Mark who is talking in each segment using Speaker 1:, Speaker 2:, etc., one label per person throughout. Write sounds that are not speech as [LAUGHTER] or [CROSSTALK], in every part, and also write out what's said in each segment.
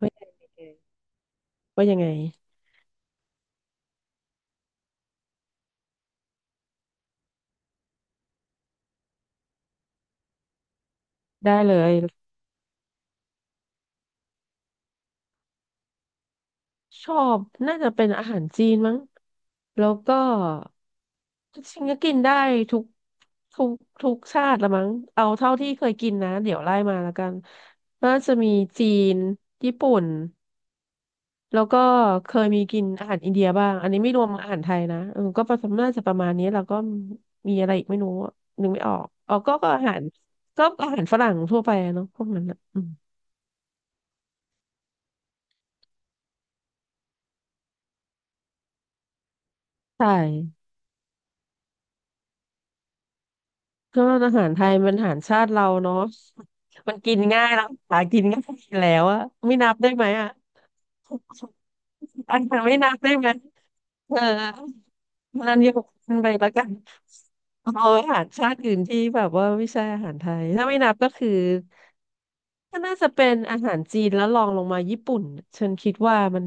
Speaker 1: ว่ายังไงว่ายังไงได้เลยชอบน่าจะเป็นอาหารจีนมั้งแล้วก็จริงๆก็กินได้ทุกทุกทุกชาติละมั้งเอาเท่าที่เคยกินนะเดี๋ยวไล่มาแล้วกันน่าจะมีจีนญี่ปุ่นแล้วก็เคยมีกินอาหารอินเดียบ้างอันนี้ไม่รวมอาหารไทยนะเออก็ประมาณน่าจะประมาณนี้แล้วก็มีอะไรอีกไม่รู้อะนึกไม่ออกอ๋อก็อาหารก็อาหารฝรั่งทั่วไปอะเนาะพวกนั้นอะอืมใช่ ก็อาหารไทยเป็นอาหารชาติเราเนาะมันกินง่ายแล้วหากินง่ายอยู่แล้วอะไม่นับได้ไหมอะอันนั้นไม่นับได้ไหมเออมันยกมันไปแล้วกันเอาอาหารชาติอื่นที่แบบว่าไม่ใช่อาหารไทยถ้าไม่นับก็คือก็น่าจะเป็นอาหารจีนแล้วลองลงมาญี่ปุ่นฉันคิดว่ามัน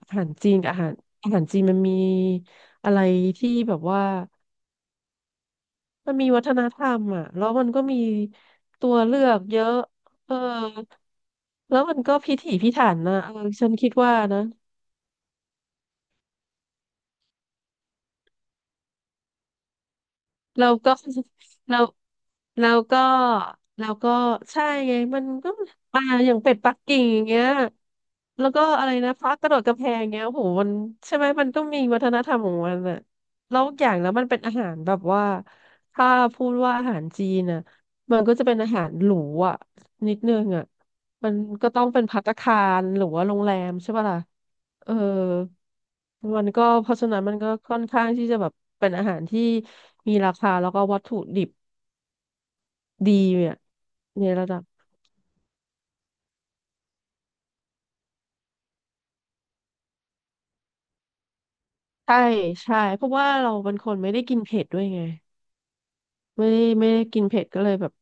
Speaker 1: อาหารจีนกับอาหารอาหารจีนมันมีอะไรที่แบบว่า มันมีวัฒนธรรมอ่ะแล้วมันก็มีตัวเลือกเยอะเออแล้วมันก็พิถีพิถันนะเออฉันคิดว่านะเราก็ [LAUGHS] เราเราก็เราก็ใช่ไงมันก็มาอย่างเป็ดปักกิ่งอย่างเงี้ยแล้วก็อะไรนะพระกระโดดกระแพงเงี้ยโอ้โหมันใช่ไหมมันก็มีวัฒนธรรมของมันอ่ะแล้วอย่างแล้วมันเป็นอาหารแบบว่าถ้าพูดว่าอาหารจีนอะมันก็จะเป็นอาหารหรูอ่ะนิดนึงอ่ะ มันก็ต้องเป็นภัตตาคารหรือว่าโรงแรมใช่ป่ะล่ะเออมันก็เพราะฉะนั้นมันก็ค่อนข้างที่จะแบบเป็นอาหารที่มีราคาแล้วก็วัตถุดิบดีเนี่ยในระดับใช่ใช่เพราะว่าเราเป็นคนไม่ได้กินเผ็ดด้วยไงไม่ได้กินเผ็ดก็เลยแบบ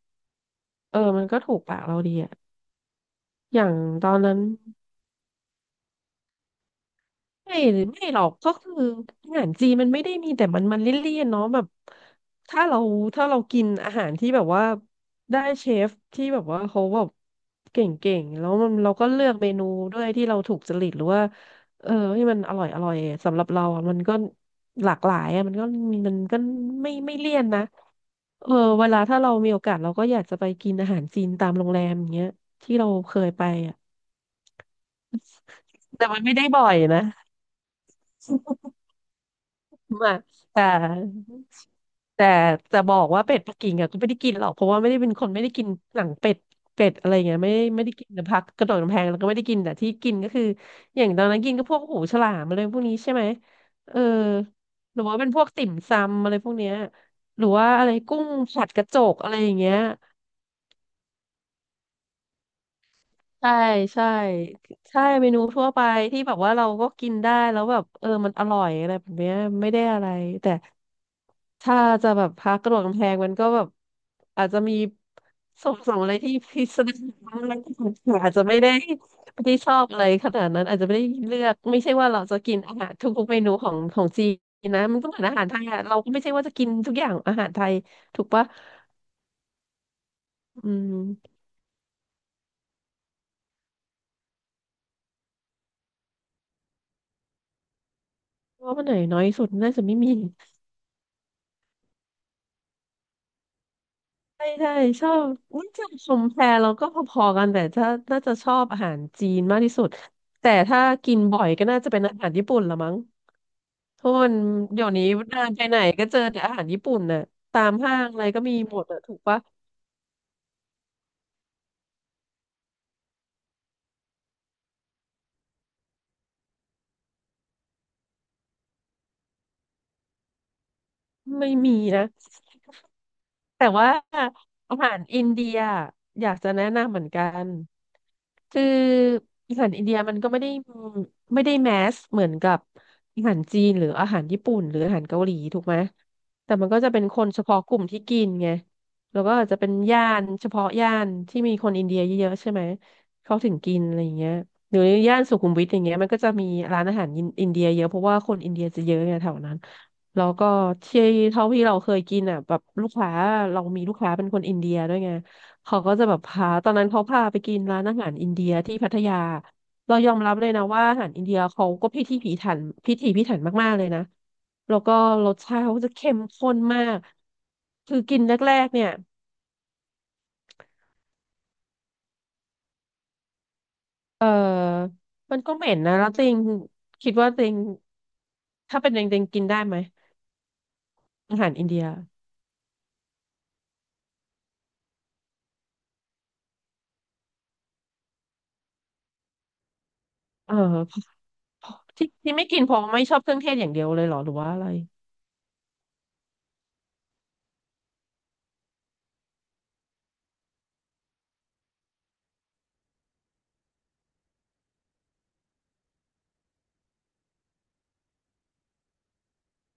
Speaker 1: เออมันก็ถูกปากเราดีอะอย่างตอนนั้น ไม่หรือไม่หรอกก็คืออาหารจีนมันไม่ได้มีแต่มันมันเลี่ยนๆเนาะแบบถ้าเราถ้าเรากินอาหารที่แบบว่าได้เชฟที่แบบว่าเขาแบบเก่งๆแล้วมันเราก็เลือกเมนูด้วยที่เราถูกจริตหรือว่าเออที่มันอร่อยอร่อยสำหรับเราอะมันก็หลากหลายอะมันก็ไม่เลี่ยนนะเออเวลาถ้าเรามีโอกาสเราก็อยากจะไปกินอาหารจีนตามโรงแรมอย่างเงี้ยที่เราเคยไปอะแต่มันไม่ได้บ่อยนะ [LAUGHS] มาแต่ แต่จะบอกว่าเป็ดปักกิ่งอะก็ไม่ได้กินหรอกเพราะว่าไม่ได้เป็นคนไม่ได้กินหนังเป็ดเป็ดอะไรเงี้ยไม่ได้กินนต่ผักกระโดดกำแพงแล้วก็ไม่ได้กินแต่ที่กินก็คืออย่างตอนนั้นกินก็พวกหูฉลามอะไรพวกนี้ใช่ไหมเออหรือว่าเป็นพวกติ่มซำอะไรพวกเนี้ยหรือว่าอะไรกุ้งผัดกระจกอะไรอย่างเงี้ยใช่ใช่ใช่เมนูทั่วไปที่แบบว่าเราก็กินได้แล้วแบบเออมันอร่อยอะไรแบบเนี้ยไม่ได้อะไรแต่ ถ้าจะแบบพักกระโดดกำแพงมันก็แบบอาจจะมีส่งอะไรที่พิสดารอะไรที่อาจจะไม่ได้ไม่ได้ชอบอะไรขนาดนั้นอาจจะไม่ได้เลือกไม่ใช่ว่าเราจะกินอาหารทุกๆเมนูของจีนนะมันก็เหมือนอาหารไทยอะเราก็ไม่ใช่ว่าจะกินทุกอย่างอาหารไทยถูกปะอืมว่ามันไหนน้อยสุดน่าจะไม่มีใช่ชอบน่าจะชมแพรเราก็พอๆกันแต่ถ้าน่าจะชอบอาหารจีนมากที่สุดแต่ถ้ากินบ่อยก็น่าจะเป็นอาหารญี่ปุ่นละมั้ง ทุนเดี๋ยวนี้เดินไปไหนก็เจอแต่อาหารญี่ปุ่นน่ะตามห้างอะไรก็มีหมดอะถูกปะไม่มีนะ แต่ว่าอาหารอินเดียอยากจะแนะนำเหมือนกันคืออาหารอินเดียมันก็ไม่ได้แมสเหมือนกับอาหารจีนหรืออาหารญี่ปุ่นหรืออาหารเกาหลีถูกไหมแต่มันก็จะเป็นคนเฉพาะกลุ่มที่กินไงแล้วก็อาจจะเป็นย่านเฉพาะย่านที่มีคนอินเดียเยอะๆใช่ไหมเขาถึงกินอะไรอย่างเงี้ยหรือย่านสุขุมวิทอย่างเงี้ยมันก็จะมีร้านอาหารอินเดียเยอะเพราะว่าคนอินเดียจะเยอะไงแถวนั้น แล้วก็ที่เท่าที่เราเคยกินอ่ะแบบลูกค้าเรามีลูกค้าเป็นคนอินเดียด้วยไงเขาก็จะแบบพาตอนนั้นเขาพาไปกินร้านอาหารอินเดียที่พัทยาเรายอมรับเลยนะว่าอาหารอินเดียเขาก็พิถีพิถันพิถีพิถันมากๆเลยนะแล้วก็รสชาติเขาจะเข้มข้นมากคือกินแรกๆเนี่ยเออมันก็เหม็นนะแล้วตัวเองคิดว่าตัวเองถ้าเป็นตัวเองตัวเองกินได้ไหมอาหารอินเดียเออ ที่ที่ไม่กินเพราะไม่ชอบเครื่องเทศอย่างเดียวเลยเหรอหรือว่าอะไร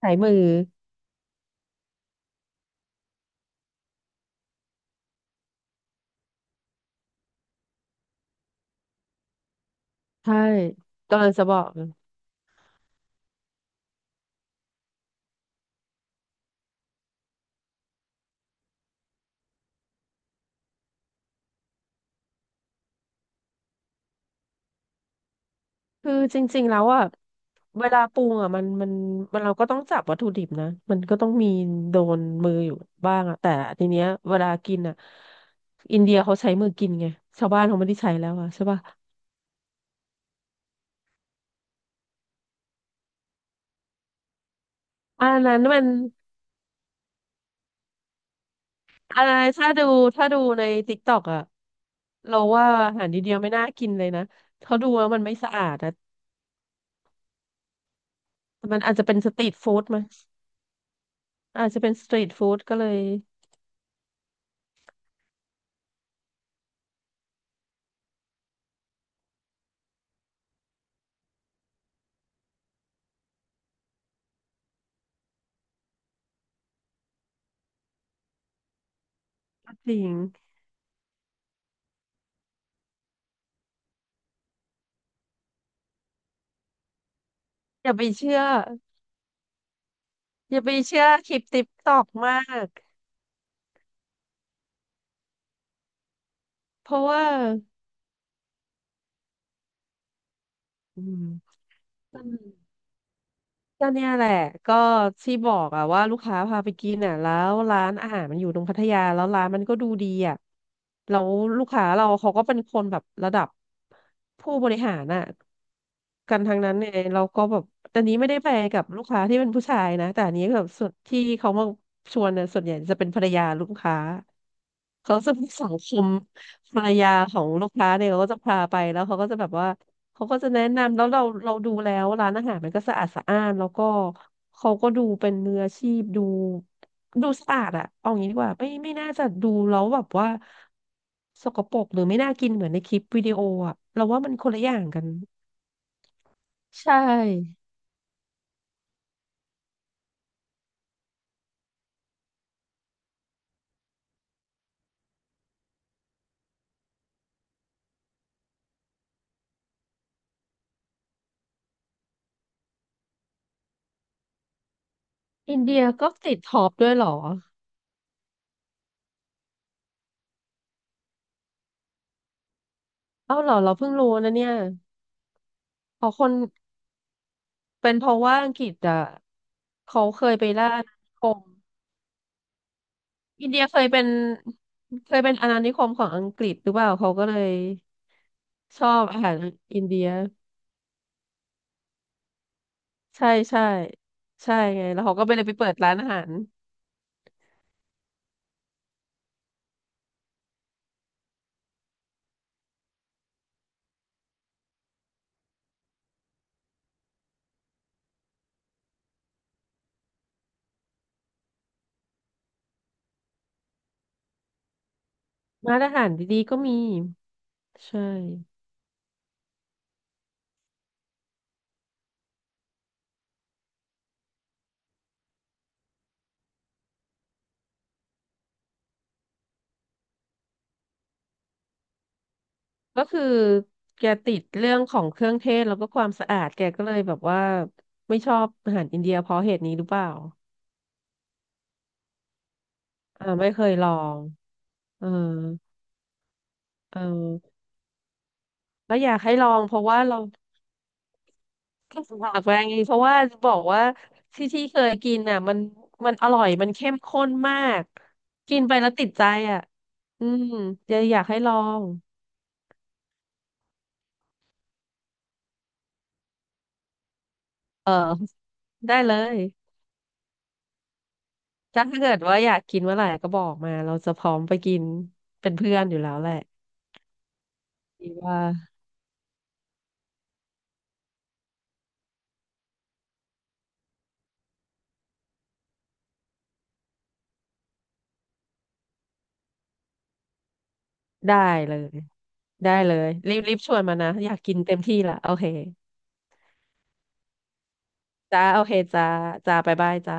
Speaker 1: ใช้มือใช่ตอนจะบอกเลยคือจริงๆแล้วอ่ะเวลาปรุงอ่ะมันมันเราก็ต้องจับวัตถุดิบนะมันก็ต้องมีโดนมืออยู่บ้างอ่ะแต่ทีเนี้ยเวลากินอ่ะอินเดียเขาใช้มือกินไงชาวบ้านเขาไม่ได้ใช้แล้วอ่ะใช่ป่ะอันนั้นมันอันนั้นถ้าดูในติ๊กต็อกอ่ะเราว่าอาหารอินเดียไม่น่ากินเลยนะเขาดูแล้วมันไม่สะอาดนะมันอาจจะเป็นสตรีทฟู้ดไหม อาจจะเป็นสตรีทฟู้ดก็เลยก็จริงอย่าไปเชื่ออย่าไปเชื่อคลิปติ๊กตอกมากเพราะว่าอืมอืมก็เนี่ยแหละก็ที่บอกอะว่าลูกค้าพาไปกินอะแล้วร้านอาหารมันอยู่ตรงพัทยาแล้วร้านมันก็ดูดีอะแล้วลูกค้าเราเขาก็เป็นคนแบบระดับผู้บริหารอะกันทางนั้นเนี่ยเราก็แบบแต่นี้ไม่ได้ไปกับลูกค้าที่เป็นผู้ชายนะแต่อันนี้แบบส่วนที่เขามาชวนเนี่ยส่วนใหญ่จะเป็นภรรยาลูกค้า เขาจะมีสังคมภรรยาของลูกค้าเนี่ยเขาก็จะพาไปแล้วเขาก็จะแบบว่าเขาก็จะแนะนำแล้วเราดูแล้วร้านอาหารมันก็สะอาดสะอ้านแล้วก็เขาก็ดูเป็นมืออาชีพดูดูสะอาดอะเอางี้ดีกว่าไม่น่าจะดูแล้วแบบว่าสกปรกหรือไม่น่ากินเหมือนในคลิปวิดีโออะเราว่ามันคนละอย่างกันใช่อินเดียก็ติดท็อปด้วยเหรอเอ้าเหรอเราเพิ่งรู้นะเนี่ยอ๋อคน เป็นเพราะว่าอังกฤษอ่ะเขาเคยไปล่าอาณานิคมอินเดียเคยเป็นอาณานิคมของอังกฤษหรือเปล่าเขาก็เลยชอบอาหารอินเดียใช่ใช่ใช่ไงแล้วเขาก็ไปเลยไปเปิดร้านอาหารร้านอาหารดีๆก็มีใช่ก็คือแกติดเรื่องของเครื่องเทศแล้วก็ความสะอาดแกก็เลยแบบว่าไม่ชอบอาหารอินเดียเพราะเหตุนี้หรือเปล่าอ่าไม่เคยลองเออเออแล้วอยากให้ลองเพราะว่าเรา ฝากไปเพราะว่าบอกว่าที่ที่เคยกินอ่ะมันมันอร่อยมันเข้มข้นมากกินไปแล้วติดใจอ่ะอืมจะอยากให้ลองเออได้เลยถ้าเกิดว่าอยากกินเมื่อไหร่ก็บอกมาเราจะพร้อมไปกินเป็นเพื่อนอยู่แล้วแหละคิดว่าได้เลยรีบชวนมานะอยากกินเต็มที่ละโอเคจ้าโอเคจ้าจ้าบ๊ายบายจ้า